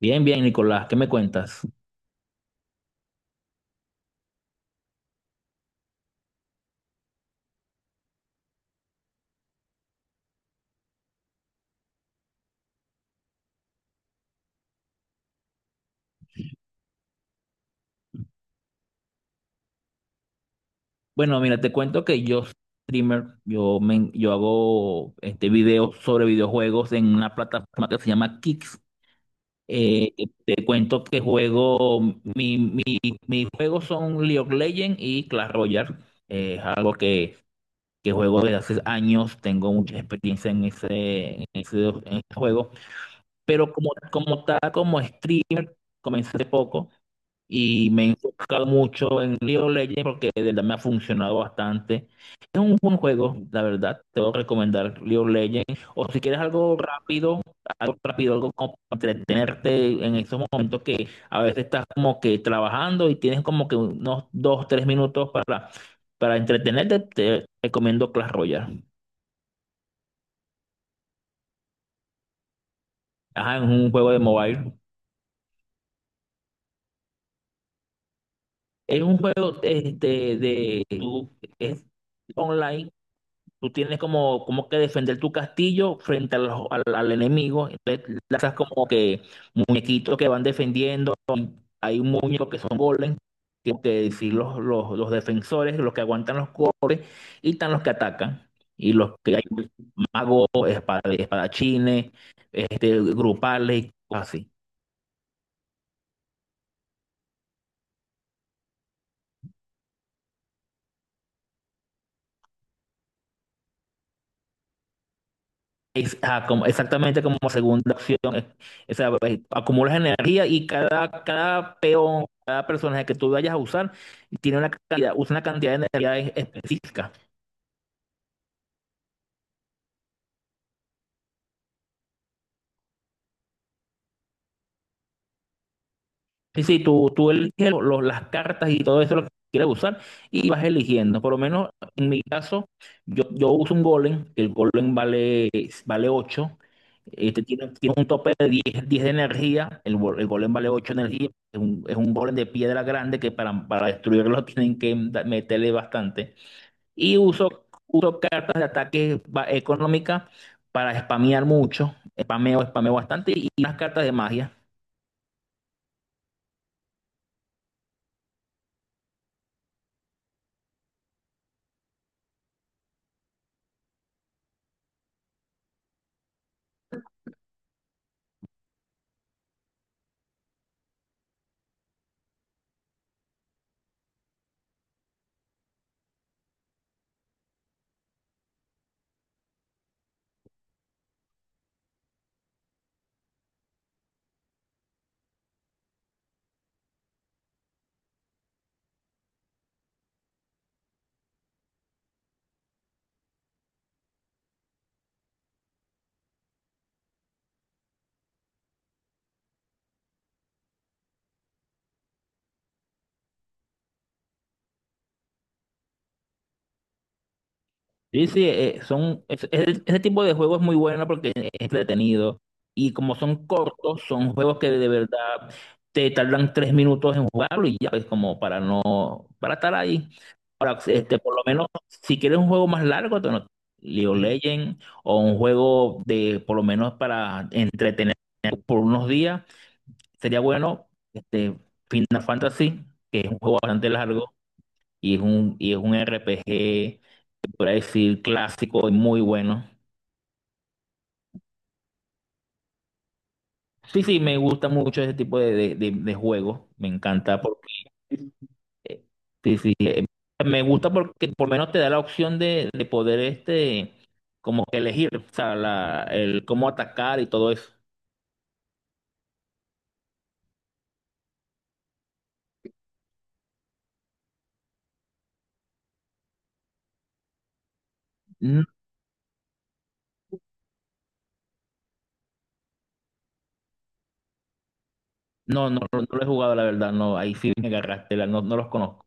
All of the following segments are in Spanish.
Bien, bien, Nicolás, ¿qué me cuentas? Bueno, mira, te cuento que yo soy streamer, yo hago videos sobre videojuegos en una plataforma que se llama Kicks. Eh, Te cuento que juego, mis juegos son League of Legends y Clash Royale. Eh, es algo que, que juego desde hace años, tengo mucha experiencia en en ese juego, pero como tal, como streamer, comencé hace poco. Y me he enfocado mucho en League of Legends porque de verdad me ha funcionado bastante. Es un buen juego, la verdad. Te voy a recomendar League of Legends. O si quieres algo rápido, algo rápido, algo como para entretenerte en esos momentos que a veces estás como que trabajando y tienes como que unos dos, tres minutos para entretenerte, te recomiendo Clash Royale. Ajá, es un juego de mobile. Es un juego. Es online. Tú tienes como, como que defender tu castillo frente a al enemigo. Entonces lanzas como que muñequitos que van defendiendo. Hay un muñeco que son golems, que sí, los defensores, los que aguantan los golpes, y están los que atacan. Y los que hay magos, espadachines, grupales y cosas así. Exactamente como segunda opción. O sea, acumulas energía y cada peón, cada personaje que tú vayas a usar, usa una cantidad de energía específica. Sí, sí, tú eliges las cartas y todo eso lo que quieres usar y vas eligiendo. Por lo menos en mi caso, yo uso un golem, que el golem vale ocho. Este tiene, tiene un tope de 10 10 de energía, el golem vale 8 energía, es un golem de piedra grande que para destruirlo tienen que meterle bastante. Y uso, uso cartas de ataque económica para spamear mucho, spameo bastante y unas cartas de magia. Sí, sí, ese tipo de juego es muy bueno porque es entretenido y como son cortos, son juegos que de verdad te tardan tres minutos en jugarlo y ya es como para no, para estar ahí. Ahora, por lo menos, si quieres un juego más largo, te no- League of Legends o un juego de, por lo menos para entretener por unos días, sería bueno, este, Final Fantasy, que es un juego bastante largo y y es un RPG por ahí decir clásico y muy bueno. Sí, sí, me gusta mucho ese tipo de juegos. Me encanta porque eh, sí, sí, me gusta porque por lo menos te da la opción de poder como que elegir, o sea, el cómo atacar y todo eso. No, no, no, no lo he jugado, la verdad, no, ahí sí me agarraste, no, no los conozco.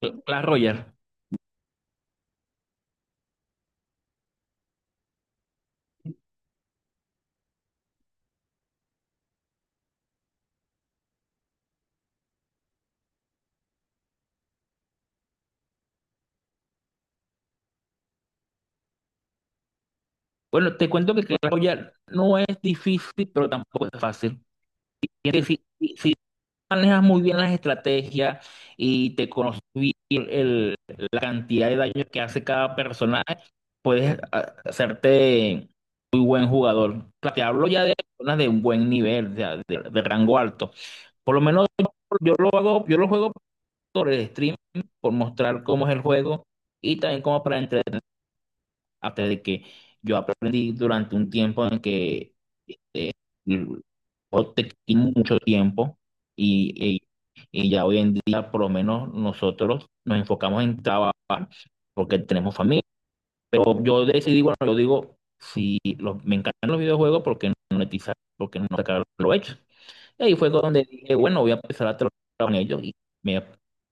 Clash Royale. Bueno, te cuento que Clash Royale no es difícil, pero tampoco es fácil. Sí, sí, sí, manejas muy bien las estrategias y te conoces bien el- la cantidad de daño que hace cada personaje, puedes hacerte muy buen jugador. Claro, te hablo ya de personas de un buen nivel, de rango alto. Por lo menos yo lo hago, yo lo juego por el stream, por mostrar cómo es el juego y también como para entretenerte de que yo aprendí durante un tiempo en que mm, o te quita mucho tiempo y, y- y ya hoy en día por lo menos nosotros nos enfocamos en trabajar porque tenemos familia. Pero yo decidí, bueno, yo digo, si los- me encantan los videojuegos, ¿por qué no monetizar? ¿Por qué no sacar lo hecho? Y ahí fue donde dije, bueno, voy a empezar a trabajar con ellos y me,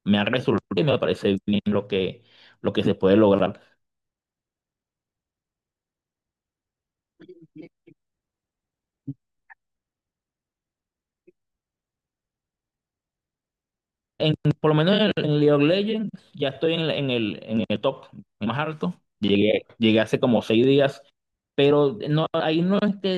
me ha resultado y me parece bien lo que se puede lograr. En, por lo menos en League of Legends ya estoy en, en el top más alto. Llegué hace como seis días, pero no, ahí no es que,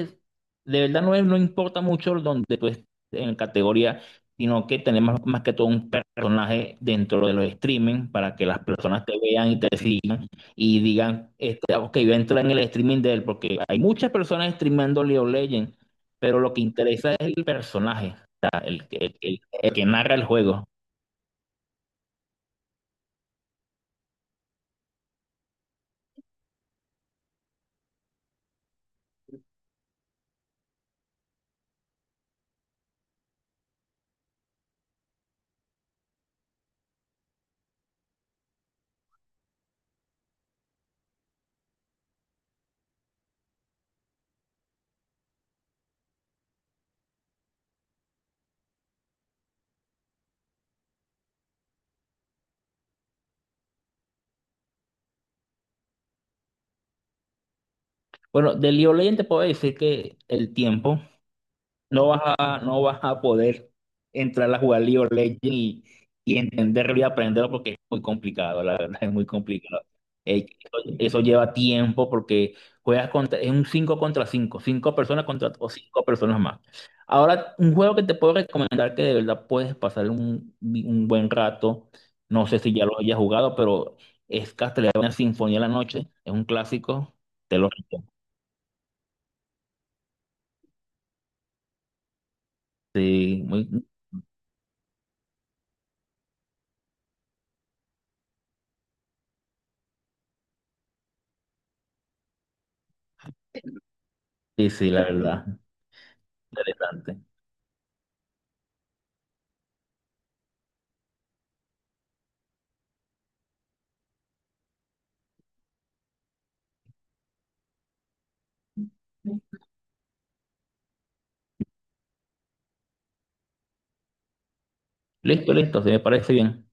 de verdad no, no importa mucho donde tú estés en categoría, sino que tenemos más que todo un personaje dentro de los streaming para que las personas te vean y te sigan y digan, ah, ok, voy a entrar en el streaming de él, porque hay muchas personas streameando League of Legends, pero lo que interesa es el personaje, o sea, el que narra el juego. Bueno, de League of Legends te puedo decir que el tiempo no vas a poder entrar a jugar League of Legends y entenderlo y aprenderlo porque es muy complicado, la verdad es muy complicado. Eso lleva tiempo porque juegas contra, es un 5 contra 5, 5 personas contra o 5 personas más. Ahora, un juego que te puedo recomendar que de verdad puedes pasar un buen rato, no sé si ya lo hayas jugado, pero es Castlevania Sinfonía de la Noche, es un clásico, te lo recomiendo. Sí, muy, sí, sí, la verdad. Interesante. Listo, listo, se me parece bien.